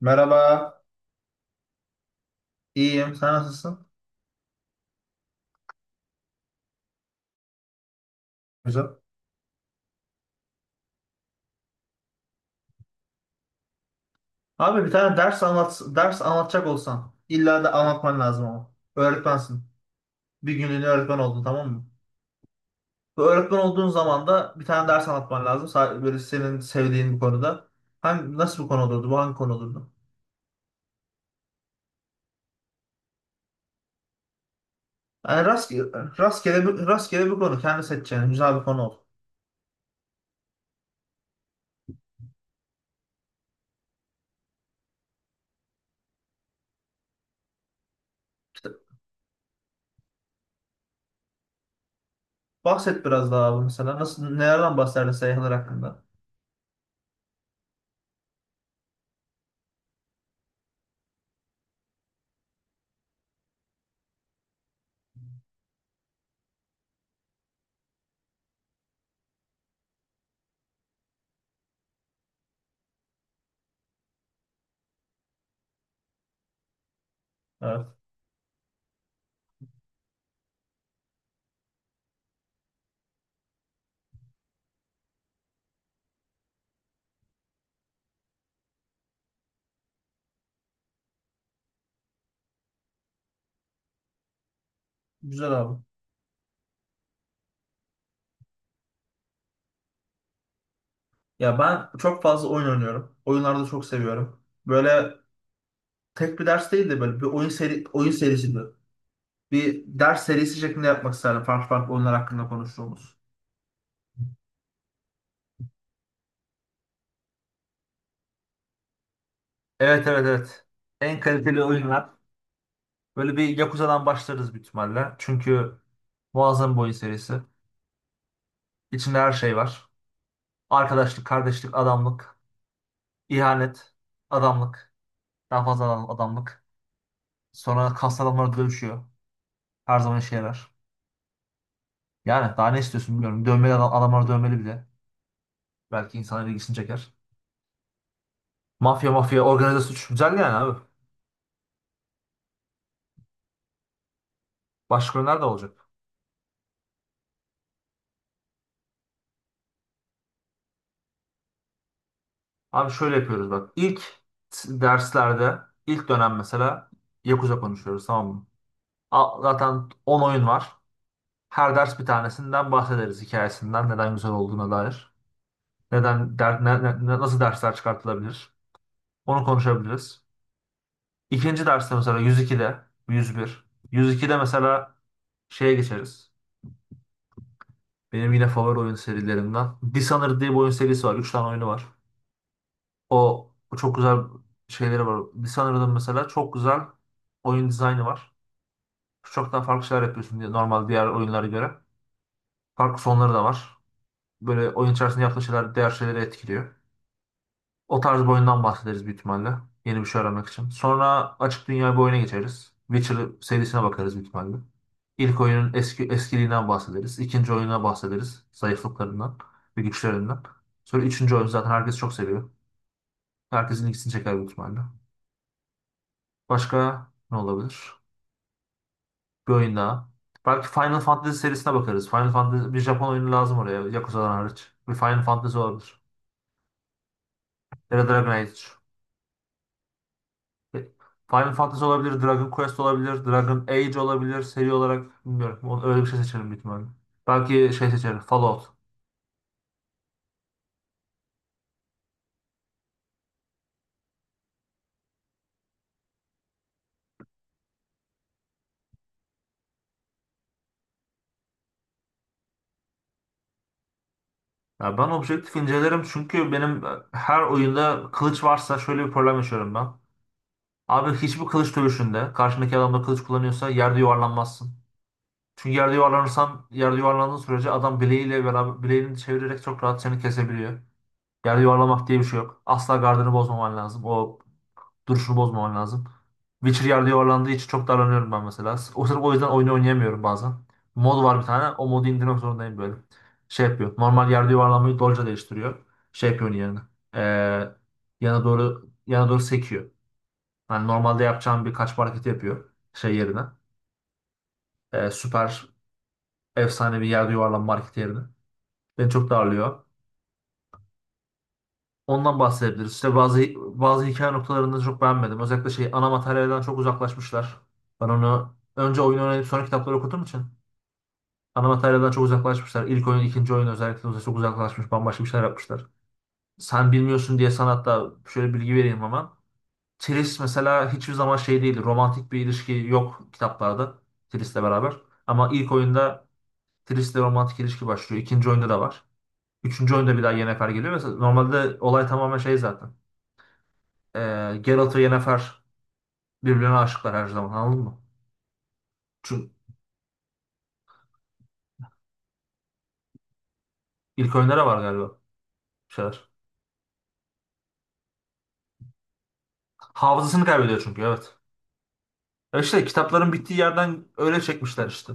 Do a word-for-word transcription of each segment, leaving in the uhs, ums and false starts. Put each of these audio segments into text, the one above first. Merhaba, iyiyim. Sen nasılsın? Güzel. Abi bir tane ders anlat, ders anlatacak olsan illa da anlatman lazım ama. Öğretmensin. Bir günlüğüne öğretmen oldun tamam mı? Bu öğretmen olduğun zaman da bir tane ders anlatman lazım. Sa- Böyle senin sevdiğin bir konuda. Hangi, nasıl bir konu olurdu? Bu hangi konu olurdu? Yani rastgele, rastgele, bir, rastgele bir konu. Kendi seçeceğin güzel bir konu ol. İşte bahset biraz daha abi mesela. Nasıl, nelerden bahsederdin seyahatler hakkında? Evet. Güzel abi. Ya ben çok fazla oyun oynuyorum. Oyunlarda çok seviyorum. Böyle tek bir ders değil de böyle bir oyun seri oyun serisi gibi. Bir ders serisi şeklinde yapmak isterdim. Farklı farklı oyunlar hakkında konuştuğumuz. Evet, evet, evet. En kaliteli oyunlar. Böyle bir Yakuza'dan başlarız büyük ihtimalle. Çünkü muazzam bir oyun serisi. İçinde her şey var. Arkadaşlık, kardeşlik, adamlık, ihanet, adamlık, daha fazla adam- adamlık. Sonra kas adamları dövüşüyor. Her zaman işe yarar. Yani daha ne istiyorsun bilmiyorum. Dövmeli adam, adamlar dövmeli bile. Belki insanların ilgisini çeker. Mafya mafya organize suç. Güzel yani abi. Başka günler de olacak. Abi şöyle yapıyoruz bak. İlk t- derslerde ilk dönem mesela Yakuza konuşuyoruz tamam mı? A- Zaten on oyun var. Her ders bir tanesinden bahsederiz, hikayesinden neden güzel olduğuna dair. Neden der, ne- ne- ne- Nasıl dersler çıkartılabilir? Onu konuşabiliriz. İkinci derste mesela yüz ikide. yüz bir. yüz ikide mesela şeye geçeriz. Benim yine favori oyun serilerimden. Dishonored diye bir oyun serisi var. Üç tane oyunu var. O çok güzel şeyleri var. Dishonored'ın mesela çok güzel oyun dizaynı var. Çok daha farklı şeyler yapıyorsun diye normal diğer oyunlara göre. Farklı sonları da var. Böyle oyun içerisinde yaptığın şeyler diğer şeyleri etkiliyor. O tarz bir oyundan bahsederiz büyük ihtimalle. Yeni bir şey öğrenmek için. Sonra açık dünya bir oyuna geçeriz. Witcher serisine bakarız büyük ihtimalle. İlk oyunun eski eskiliğinden bahsederiz. İkinci oyuna bahsederiz. Zayıflıklarından ve güçlerinden. Sonra üçüncü oyun zaten herkes çok seviyor. Herkesin ilgisini çeker büyük ihtimalle. Başka ne olabilir? Bir oyun daha. Belki Final Fantasy serisine bakarız. Final Fantasy bir Japon oyunu lazım oraya. Yakuza'dan hariç. Bir Final Fantasy olabilir. Ya da Dragon Age. E, Final Fantasy olabilir. Dragon Quest olabilir. Dragon Age olabilir. Seri olarak bilmiyorum. Onu- Öyle bir şey seçerim büyük ihtimalle. Belki şey seçerim. Fallout. Ya ben objektif incelerim, çünkü benim e, her oyunda kılıç varsa şöyle bir problem yaşıyorum ben. Abi hiçbir kılıç dövüşünde karşındaki adam da kılıç kullanıyorsa yerde yuvarlanmazsın. Çünkü yerde yuvarlanırsan, yerde yuvarlandığın sürece adam bileğiyle beraber bileğini çevirerek çok rahat seni kesebiliyor. Yerde yuvarlamak diye bir şey yok. Asla gardını bozmaman lazım. O duruşunu bozmaman lazım. Witcher yerde yuvarlandığı için çok darlanıyorum ben mesela. O sırf o yüzden oyunu oynayamıyorum bazen. Mod var bir tane. O modu indirmek zorundayım böyle. Şey yapıyor. Normal yerde yuvarlanmayı dolca değiştiriyor. Şey yapıyor onun yerine. Ee, yana doğru yana doğru sekiyor. Yani normalde yapacağım bir kaçma hareketi yapıyor şey yerine. Ee, süper efsane bir yerde yuvarlanma hareketi yerine. Beni çok darlıyor. Ondan bahsedebiliriz. İşte bazı bazı hikaye noktalarını çok beğenmedim. Özellikle şey ana materyalden çok uzaklaşmışlar. Ben onu önce oyunu oynayıp sonra kitapları okuduğum için ana materyalden çok uzaklaşmışlar. İlk oyun, ikinci oyun özellikle uzak- çok uzaklaşmış. Bambaşka bir şeyler yapmışlar. Sen bilmiyorsun diye sanatta şöyle bilgi vereyim hemen. Triss mesela hiçbir zaman şey değildi. Romantik bir ilişki yok kitaplarda Triss'le beraber. Ama ilk oyunda Triss'le romantik ilişki başlıyor. İkinci oyunda da var. Üçüncü oyunda bir daha Yennefer geliyor. Mesela normalde olay tamamen şey zaten. Ee, Geralt ve Yennefer birbirine aşıklar her zaman, anladın mı? Çünkü ilk oyunlara var galiba bir şeyler. Hafızasını kaybediyor çünkü, evet. Ya işte kitapların bittiği yerden öyle çekmişler işte.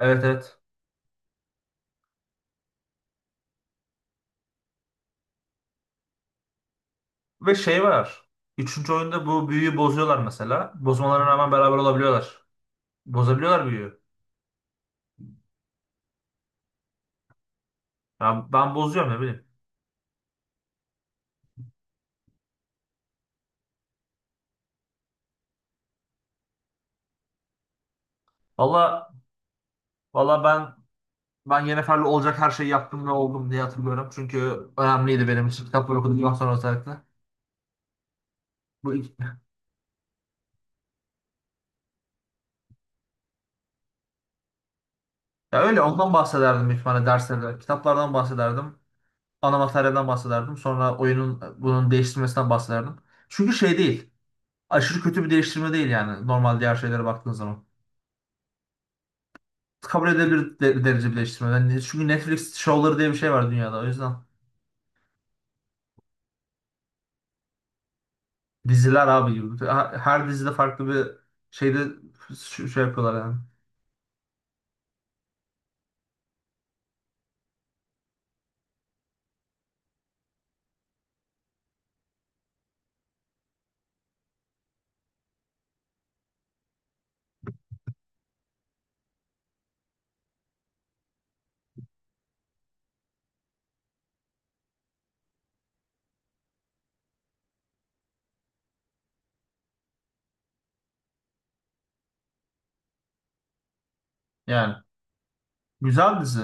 Evet, evet. Ve şey var. Üçüncü oyunda bu büyüyü bozuyorlar mesela. Bozmalarına rağmen beraber olabiliyorlar. Bozabiliyorlar büyüyü. Ya ben bozuyorum, ne bileyim. Valla valla ben ben Yennefer'le olacak her şeyi yaptım ve oldum diye hatırlıyorum. Çünkü önemliydi benim için kitapları okuduktan sonra özellikle. Bu Ya öyle ondan bahsederdim büyük ihtimalle derslerde. Kitaplardan bahsederdim. Ana materyalden bahsederdim. Sonra oyunun bunun değiştirmesinden bahsederdim. Çünkü şey değil. Aşırı kötü bir değiştirme değil yani. Normal diğer şeylere baktığın zaman. Kabul edilebilir de- derece bir değiştirme. Yani çünkü Netflix şovları diye bir şey var dünyada. O yüzden diziler abi gibi. Her her dizide farklı bir şeyde ş- şey yapıyorlar yani. Yani güzel dizi.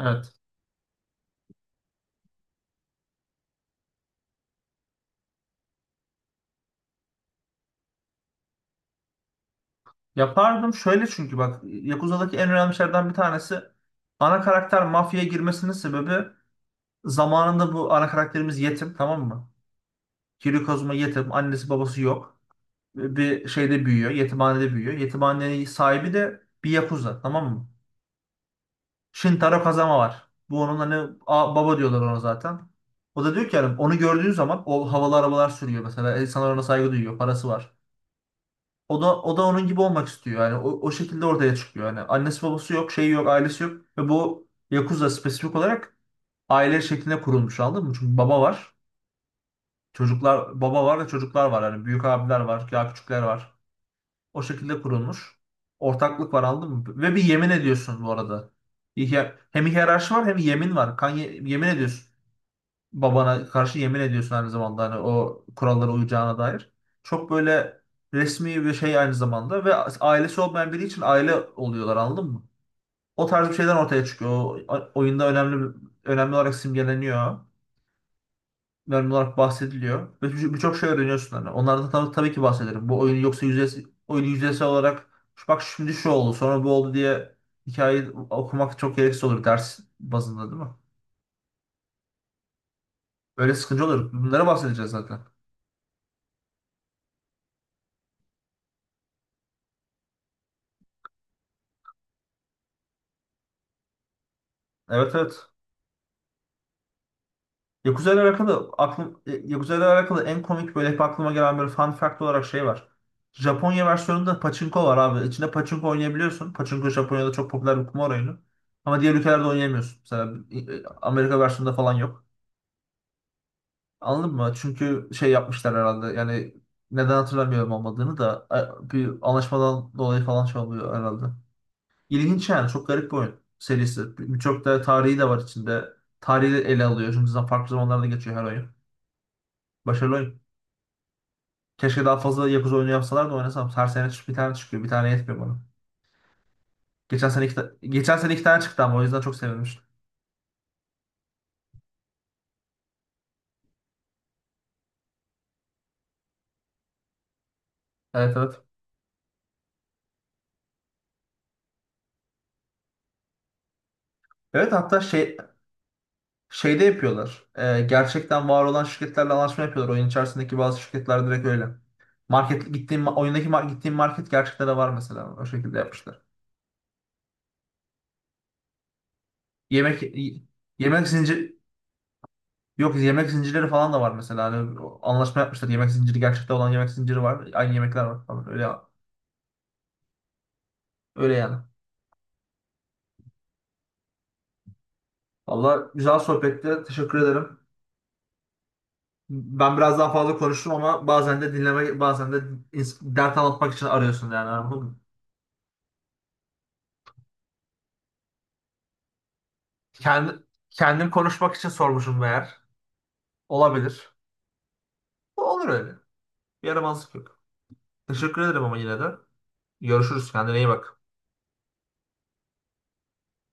Evet. Yapardım şöyle, çünkü bak Yakuza'daki en önemli şeylerden bir tanesi ana karakter mafyaya girmesinin sebebi. Zamanında bu ana karakterimiz yetim, tamam mı? Kiryu Kazuma yetim. Annesi babası yok. Bir şeyde büyüyor. Yetimhanede büyüyor. Yetimhanenin sahibi de bir yakuza, tamam mı? Shintaro Kazama var. Bu onun hani a- baba diyorlar ona zaten. O da diyor ki yani onu gördüğün zaman o havalı arabalar sürüyor mesela. İnsanlar ona saygı duyuyor. Parası var. O da o da onun gibi olmak istiyor. Yani o, o şekilde ortaya çıkıyor. Yani annesi babası yok, şeyi yok, ailesi yok ve bu Yakuza spesifik olarak aile şeklinde kurulmuş, anladın mı? Çünkü baba var. Çocuklar, baba var ve çocuklar var. Yani büyük abiler var, ya küçükler var. O şekilde kurulmuş. Ortaklık var, anladın mı? Ve bir yemin ediyorsun bu arada. Bir hiyer- Hem hiyerarşi var hem yemin var. Kan ye- yemin ediyorsun. Babana karşı yemin ediyorsun aynı zamanda, hani o kurallara uyacağına dair. Çok böyle resmi bir şey aynı zamanda ve ailesi olmayan biri için aile oluyorlar, anladın mı? O tarz bir şeyden ortaya çıkıyor. O, oyunda önemli önemli olarak simgeleniyor, genel olarak bahsediliyor. Ve bir- birçok şey öğreniyorsun hani. Onlardan tabii, tabii ki bahsederim. Bu oyunu yoksa yüzeysel, oyunu yüzeysel olarak, "Şu bak şimdi şu oldu sonra bu oldu" diye hikayeyi okumak çok gereksiz olur ders bazında, değil mi? Öyle sıkıcı olur. Bunlara bahsedeceğiz zaten. Evet, evet. Yakuza ile alakalı aklım e, Yakuza ile alakalı en komik böyle hep aklıma gelen bir fun fact olarak şey var. Japonya versiyonunda pachinko var abi. İçinde pachinko oynayabiliyorsun. Pachinko Japonya'da çok popüler bir kumar oyunu. Ama diğer ülkelerde oynayamıyorsun. Mesela e, Amerika versiyonunda falan yok. Anladın mı? Çünkü şey yapmışlar herhalde. Yani neden hatırlamıyorum olmadığını da e, bir anlaşmadan dolayı falan şey oluyor herhalde. İlginç yani. Çok garip bir oyun serisi. Birçok da tarihi de var içinde. Tarihi de ele alıyor. Şimdi zaten farklı zamanlarda geçiyor her oyun. Başarılı oyun. Keşke daha fazla Yakuza oyunu yapsalar da oynasam. Her sene bir tane çıkıyor. Bir tane yetmiyor bana. Geçen sene iki, ta- geçen sene iki tane çıktı ama, o yüzden çok sevinmiştim. Evet, evet. Evet hatta şey Şeyde yapıyorlar. E, gerçekten var olan şirketlerle anlaşma yapıyorlar. Oyun içerisindeki bazı şirketler direkt öyle. Market gittiğim ma- oyundaki mar- gittiğim market gerçekten de var mesela. O şekilde yapmışlar. Yemek y- yemek zincir yok, yemek zincirleri falan da var mesela. Hani o- anlaşma yapmışlar. Yemek zinciri, gerçekte olan yemek zinciri var. Aynı yemekler var falan. Öyle öyle yani. Valla güzel sohbetti. Teşekkür ederim. Ben biraz daha fazla konuştum ama bazen de dinleme, bazen de ins- dert anlatmak için arıyorsun yani. Kendi, kendim konuşmak için sormuşum meğer. Olabilir. Olur öyle. Yaramazlık yok. Teşekkür ederim ama yine de. Görüşürüz. Kendine iyi bak.